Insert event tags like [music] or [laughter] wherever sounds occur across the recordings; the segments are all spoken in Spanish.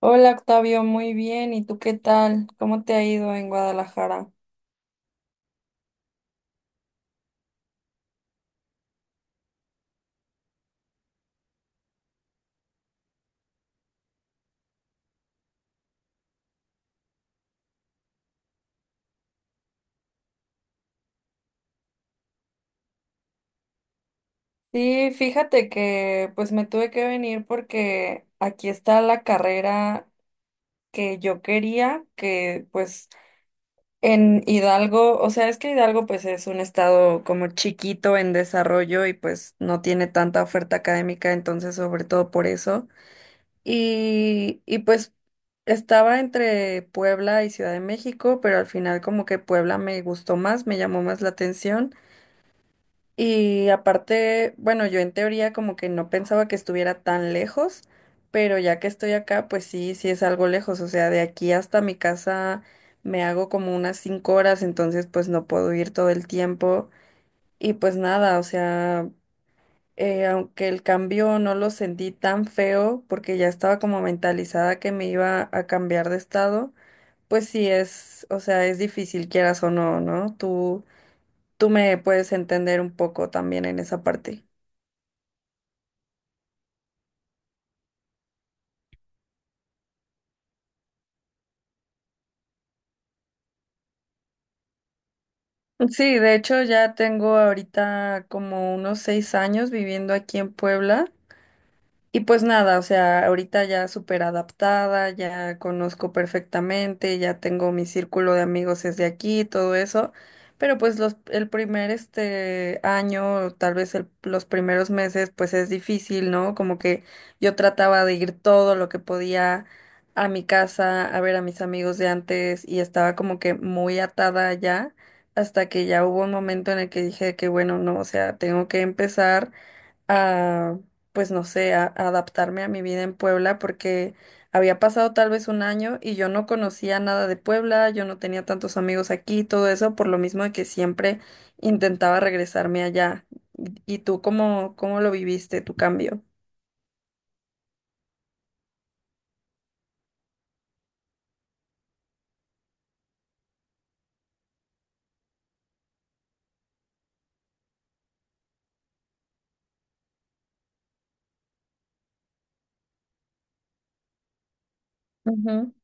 Hola Octavio, muy bien. ¿Y tú qué tal? ¿Cómo te ha ido en Guadalajara? Sí, fíjate que pues me tuve que venir porque aquí está la carrera que yo quería, que pues en Hidalgo, o sea, es que Hidalgo pues es un estado como chiquito en desarrollo y pues no tiene tanta oferta académica, entonces sobre todo por eso. Y pues estaba entre Puebla y Ciudad de México, pero al final como que Puebla me gustó más, me llamó más la atención. Y aparte, bueno, yo en teoría como que no pensaba que estuviera tan lejos, pero ya que estoy acá, pues sí, sí es algo lejos. O sea, de aquí hasta mi casa me hago como unas 5 horas, entonces pues no puedo ir todo el tiempo. Y pues nada, o sea, aunque el cambio no lo sentí tan feo porque ya estaba como mentalizada que me iba a cambiar de estado, pues sí es, o sea, es difícil quieras o no, ¿no? Tú me puedes entender un poco también en esa parte. Sí, de hecho ya tengo ahorita como unos 6 años viviendo aquí en Puebla. Y pues nada, o sea, ahorita ya súper adaptada, ya conozco perfectamente, ya tengo mi círculo de amigos desde aquí, todo eso, pero pues los, el primer este año, tal vez los primeros meses, pues es difícil, ¿no? Como que yo trataba de ir todo lo que podía a mi casa, a ver a mis amigos de antes y estaba como que muy atada ya, hasta que ya hubo un momento en el que dije que bueno, no, o sea, tengo que empezar a, pues no sé, a adaptarme a mi vida en Puebla porque había pasado tal vez un año y yo no conocía nada de Puebla, yo no tenía tantos amigos aquí, todo eso, por lo mismo de que siempre intentaba regresarme allá. ¿Y tú cómo, cómo lo viviste, tu cambio? Ujú.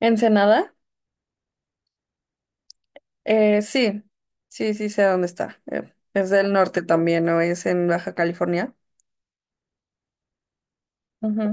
¿Ensenada? Sí, sí, sí sé dónde está. Es del norte también, ¿no? Es en Baja California. Ujú,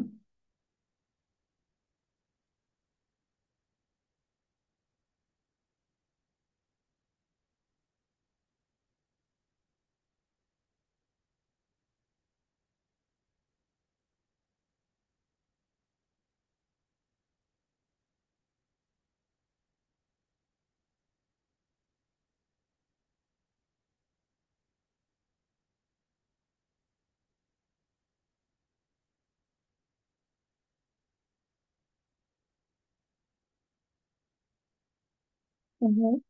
ujú.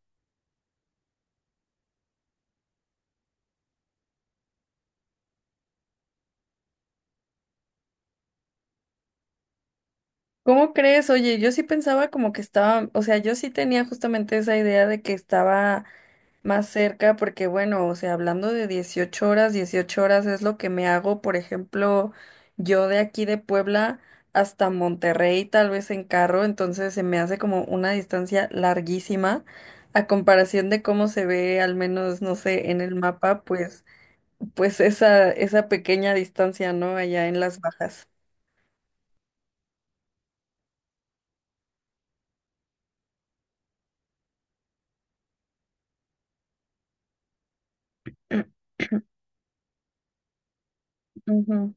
¿Cómo crees? Oye, yo sí pensaba como que estaba, o sea, yo sí tenía justamente esa idea de que estaba más cerca, porque bueno, o sea, hablando de 18 horas, 18 horas es lo que me hago, por ejemplo, yo de aquí de Puebla hasta Monterrey, tal vez en carro, entonces se me hace como una distancia larguísima a comparación de cómo se ve, al menos, no sé, en el mapa, pues, pues esa pequeña distancia, ¿no? Allá en las bajas. [clears throat] Ujú.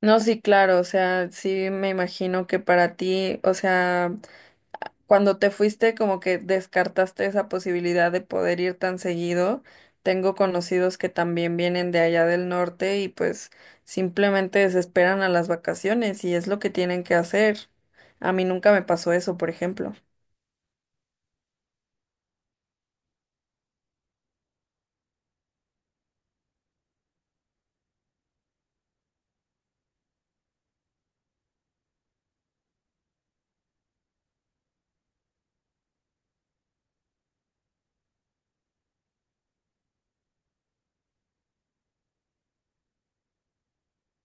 No, sí, claro, o sea, sí me imagino que para ti, o sea, cuando te fuiste como que descartaste esa posibilidad de poder ir tan seguido. Tengo conocidos que también vienen de allá del norte y pues simplemente desesperan a las vacaciones y es lo que tienen que hacer. A mí nunca me pasó eso, por ejemplo.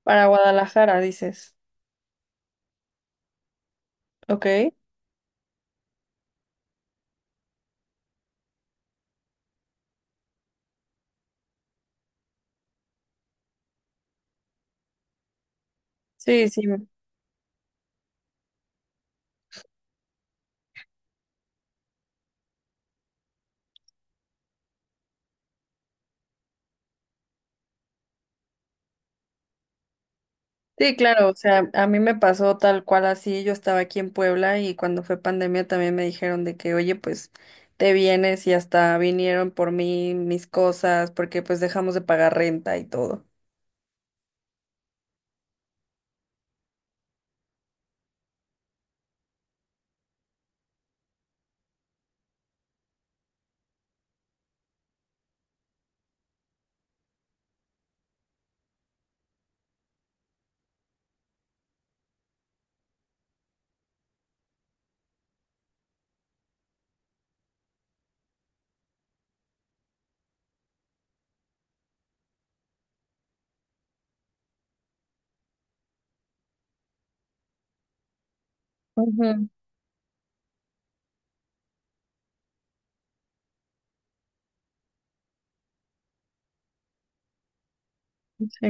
Para Guadalajara, dices. Ok. Sí, sí. Sí, claro, o sea, a mí me pasó tal cual así, yo estaba aquí en Puebla y cuando fue pandemia también me dijeron de que, oye, pues te vienes y hasta vinieron por mí mis cosas porque pues dejamos de pagar renta y todo. Ujú, sí,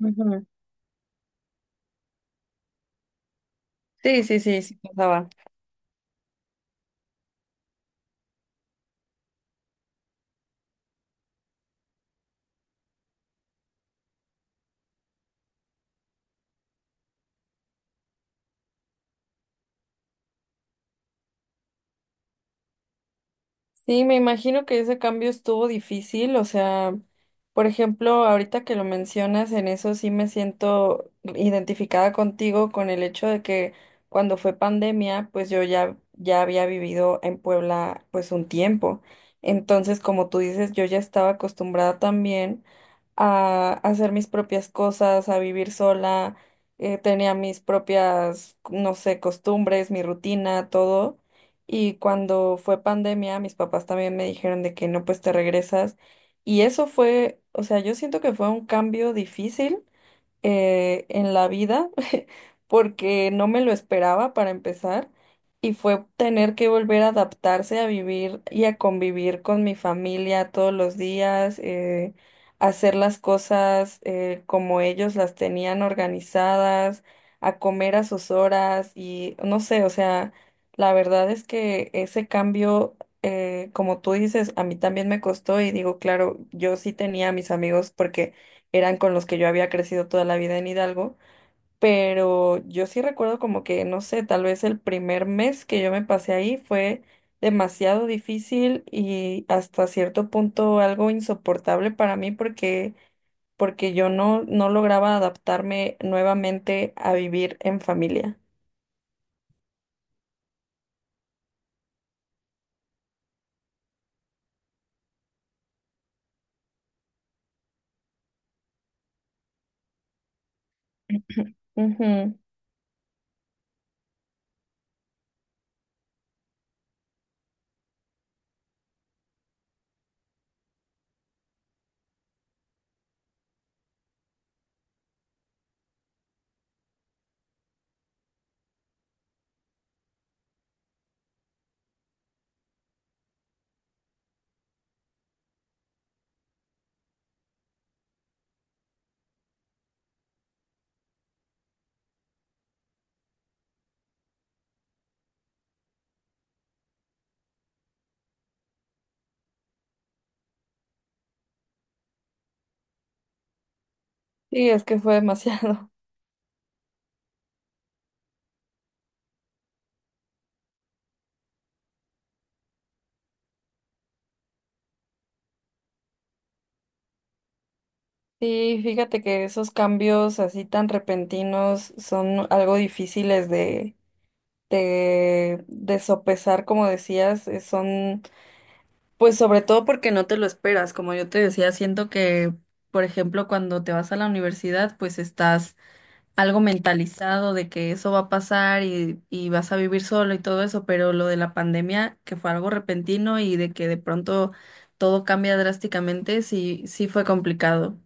ujú. Sí, sí, sí, sí pasaba. Sí, me imagino que ese cambio estuvo difícil, o sea, por ejemplo, ahorita que lo mencionas, en eso sí me siento identificada contigo con el hecho de que cuando fue pandemia, pues yo ya ya había vivido en Puebla pues un tiempo. Entonces, como tú dices, yo ya estaba acostumbrada también a hacer mis propias cosas, a vivir sola, tenía mis propias, no sé, costumbres, mi rutina, todo. Y cuando fue pandemia, mis papás también me dijeron de que no, pues te regresas. Y eso fue, o sea, yo siento que fue un cambio difícil en la vida [laughs] porque no me lo esperaba para empezar y fue tener que volver a adaptarse a vivir y a convivir con mi familia todos los días, hacer las cosas como ellos las tenían organizadas, a comer a sus horas y no sé, o sea, la verdad es que ese cambio, como tú dices, a mí también me costó y digo, claro, yo sí tenía a mis amigos porque eran con los que yo había crecido toda la vida en Hidalgo, pero yo sí recuerdo como que, no sé, tal vez el primer mes que yo me pasé ahí fue demasiado difícil y hasta cierto punto algo insoportable para mí porque, porque yo no, no lograba adaptarme nuevamente a vivir en familia. [clears throat] Ujú. Sí, es que fue demasiado. [laughs] Sí, fíjate que esos cambios así tan repentinos son algo difíciles de sopesar, como decías, son, pues sobre todo porque no te lo esperas, como yo te decía, siento que, por ejemplo, cuando te vas a la universidad, pues estás algo mentalizado de que eso va a pasar y vas a vivir solo y todo eso, pero lo de la pandemia, que fue algo repentino y de que de pronto todo cambia drásticamente, sí, sí fue complicado.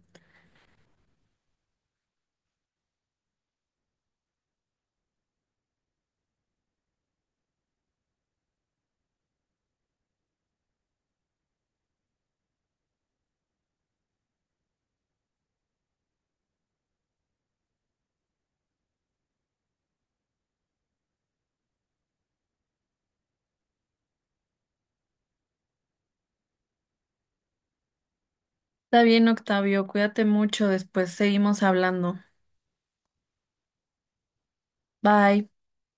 Está bien, Octavio, cuídate mucho, después seguimos hablando. Bye.